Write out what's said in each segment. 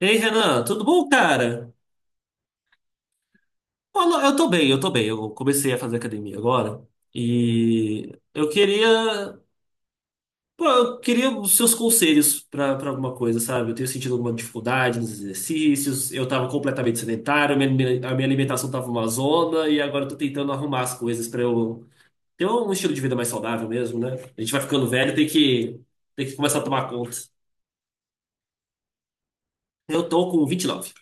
Ei, Renan, tudo bom, cara? Olha, eu tô bem, eu tô bem. Eu comecei a fazer academia agora e pô, eu queria os seus conselhos pra alguma coisa, sabe? Eu tenho sentido alguma dificuldade nos exercícios, eu tava completamente sedentário, a minha alimentação tava uma zona e agora eu tô tentando arrumar as coisas pra eu ter um estilo de vida mais saudável mesmo, né? A gente vai ficando velho, tem que começar a tomar conta. Eu tô com 29.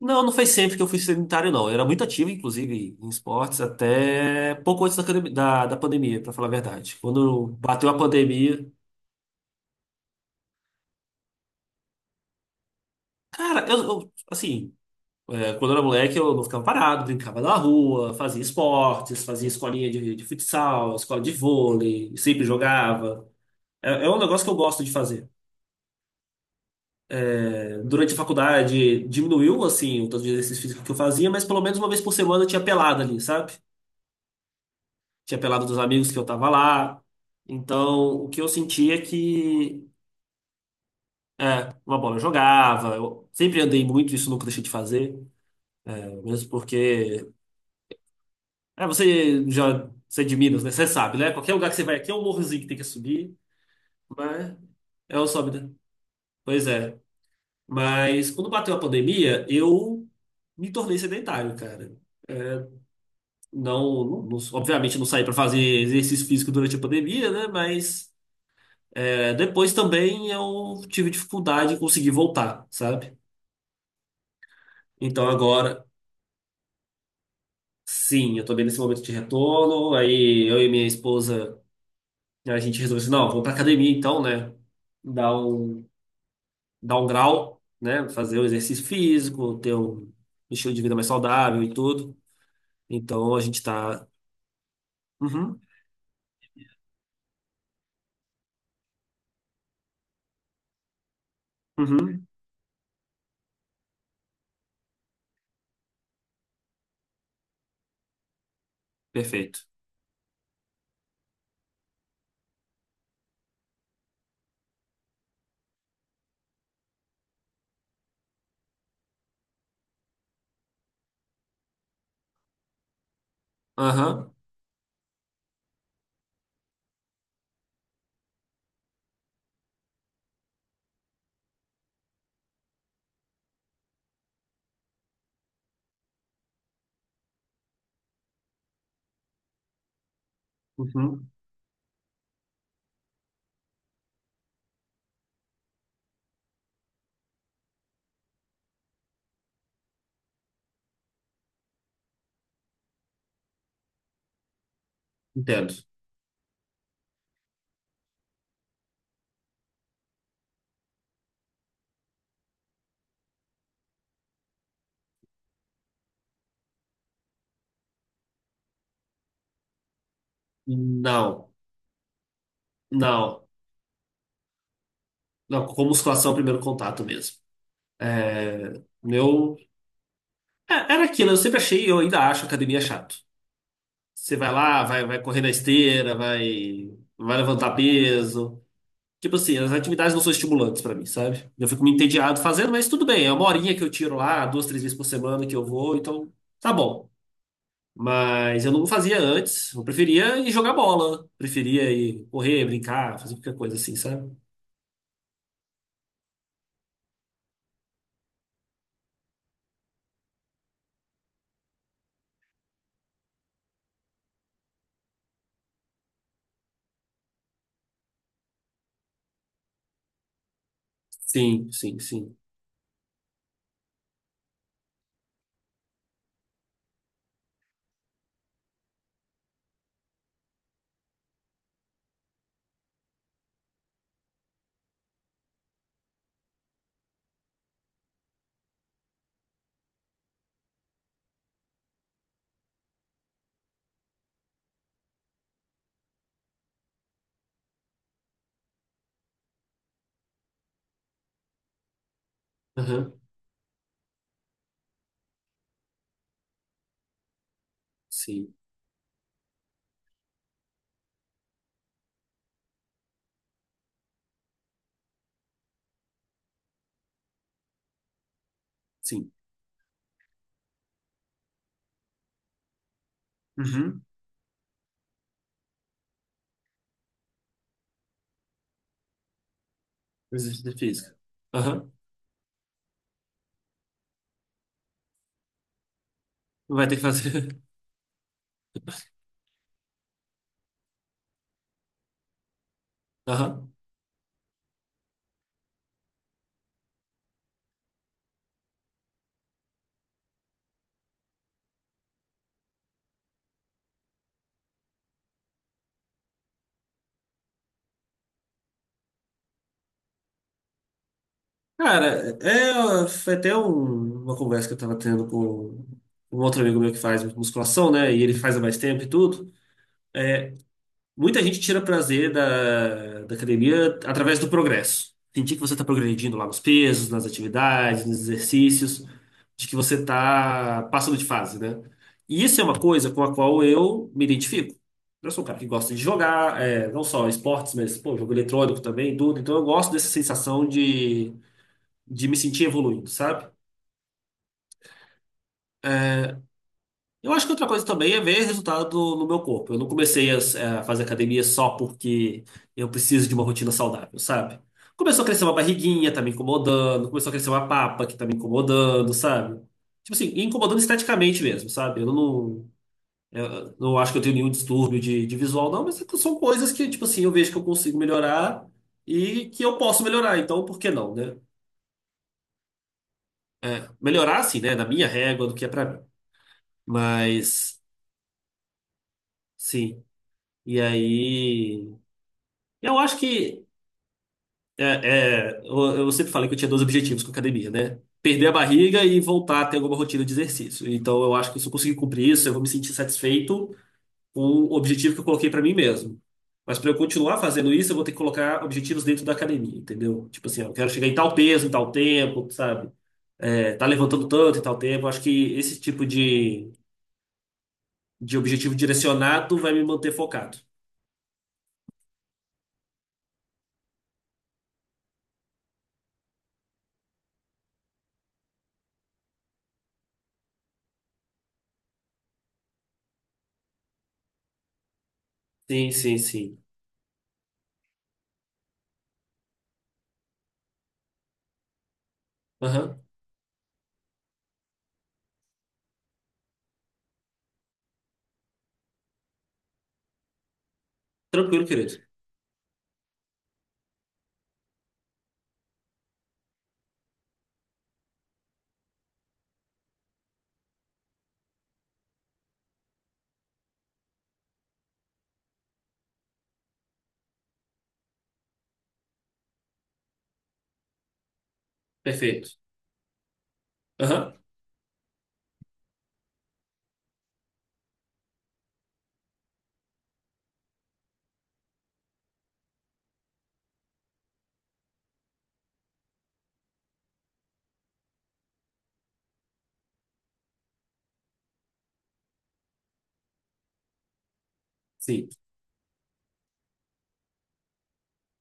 Não, não foi sempre que eu fui sedentário, não. Eu era muito ativo, inclusive, em esportes, até pouco antes da pandemia, pra falar a verdade. Quando bateu a pandemia. Cara, assim, é, quando eu era moleque, eu não ficava parado, brincava na rua, fazia esportes, fazia escolinha de futsal, escola de vôlei, sempre jogava. É, é um negócio que eu gosto de fazer. É, durante a faculdade, diminuiu, assim, o tanto de exercício físico que eu fazia, mas pelo menos uma vez por semana eu tinha pelada ali, sabe? Tinha pelado dos amigos que eu tava lá. Então, o que eu sentia é que uma bola eu jogava, eu sempre andei muito, isso nunca deixei de fazer, é, mesmo porque. É, você já. Você é de Minas, né? Você sabe, né? Qualquer lugar que você vai aqui é um morrozinho que tem que subir, mas é o sobe, né? Pois é. Mas quando bateu a pandemia, eu me tornei sedentário, cara. É, obviamente não saí pra fazer exercício físico durante a pandemia, né? Mas. É, depois também eu tive dificuldade em conseguir voltar, sabe? Então agora, sim, eu tô bem nesse momento de retorno. Aí eu e minha esposa, a gente resolveu assim, não, vamos pra academia então, né? Dar um, dar um grau, né? Fazer o exercício físico, ter um estilo de vida mais saudável e tudo. Então a gente tá. Uhum, uhum, perfeito. Aham, uhum, entendo. Não, não. Não, com musculação é o primeiro contato mesmo. É, meu É, era aquilo, eu sempre achei, eu ainda acho academia chato. Você vai lá, vai correr na esteira, vai levantar peso. Tipo assim, as atividades não são estimulantes pra mim, sabe? Eu fico me entediado fazendo, mas tudo bem, é uma horinha que eu tiro lá, duas, três vezes por semana que eu vou, então tá bom. Mas eu não fazia antes, eu preferia ir jogar bola, preferia ir correr, brincar, fazer qualquer coisa assim, sabe? Sim, sim, sim. Aham, sim, sim. Uhum. Exercício físico. Aham, vai ter que fazer. Aham. Cara, é, foi até uma conversa que eu tava tendo com um outro amigo meu que faz musculação, né? E ele faz há mais tempo e tudo. Muita gente tira prazer da academia através do progresso. Sentir que você tá progredindo lá nos pesos, nas atividades, nos exercícios, de que você tá passando de fase, né? E isso é uma coisa com a qual eu me identifico. Eu sou um cara que gosta de jogar, é, não só esportes, mas, pô, jogo eletrônico também, e tudo. Então eu gosto dessa sensação de me sentir evoluindo, sabe? Eu acho que outra coisa também é ver resultado no meu corpo. Eu não comecei a fazer academia só porque eu preciso de uma rotina saudável, sabe? Começou a crescer uma barriguinha, tá me incomodando. Começou a crescer uma papa que tá me incomodando, sabe? Tipo assim, e incomodando esteticamente mesmo, sabe? Eu não acho que eu tenho nenhum distúrbio de visual, não, mas são coisas que, tipo assim, eu vejo que eu consigo melhorar e que eu posso melhorar. Então, por que não, né? É, melhorar, assim, né? Na minha régua do que é pra mim. Mas, sim. E aí. Eu acho que é, eu sempre falei que eu tinha dois objetivos com a academia, né? Perder a barriga e voltar a ter alguma rotina de exercício. Então eu acho que se eu conseguir cumprir isso, eu vou me sentir satisfeito com o objetivo que eu coloquei pra mim mesmo. Mas pra eu continuar fazendo isso, eu vou ter que colocar objetivos dentro da academia, entendeu? Tipo assim, ó, eu quero chegar em tal peso, em tal tempo, sabe? É, tá levantando tanto em tal tempo. Eu acho que esse tipo de objetivo direcionado vai me manter focado. Sim, sim, sim. Aham. Tranquilo, querido. Perfeito. Aham. Sim.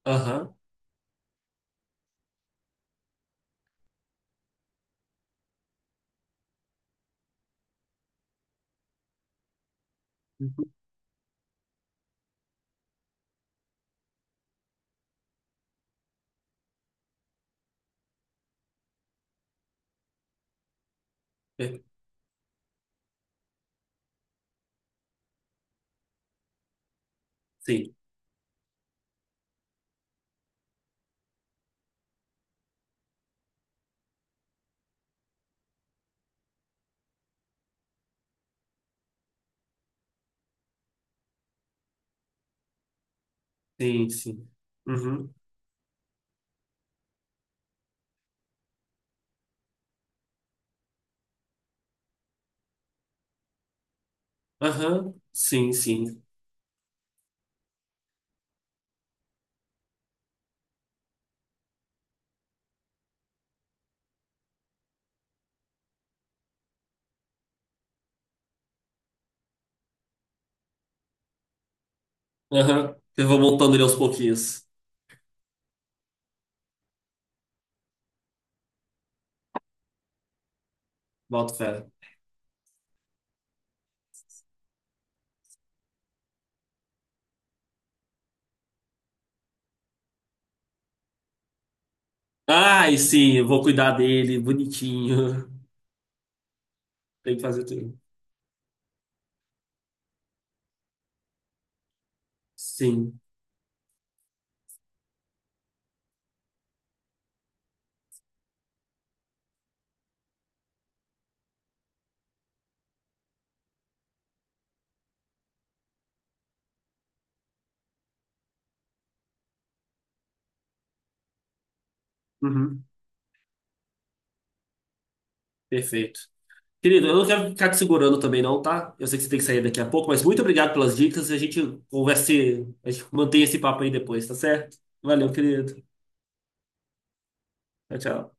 Aham. Uhum. É, sim, sim, sim. Uhum. Aham. Sim, sim. Aham. Eu vou montando ele aos pouquinhos. Boto fé. Ai, sim, eu vou cuidar dele, bonitinho. Tem que fazer tudo. Sim. Uhum. Perfeito. Querido, eu não quero ficar te segurando também, não, tá? Eu sei que você tem que sair daqui a pouco, mas muito obrigado pelas dicas. A gente conversa, a gente mantém esse papo aí depois, tá certo? Valeu, querido. Tchau, tchau.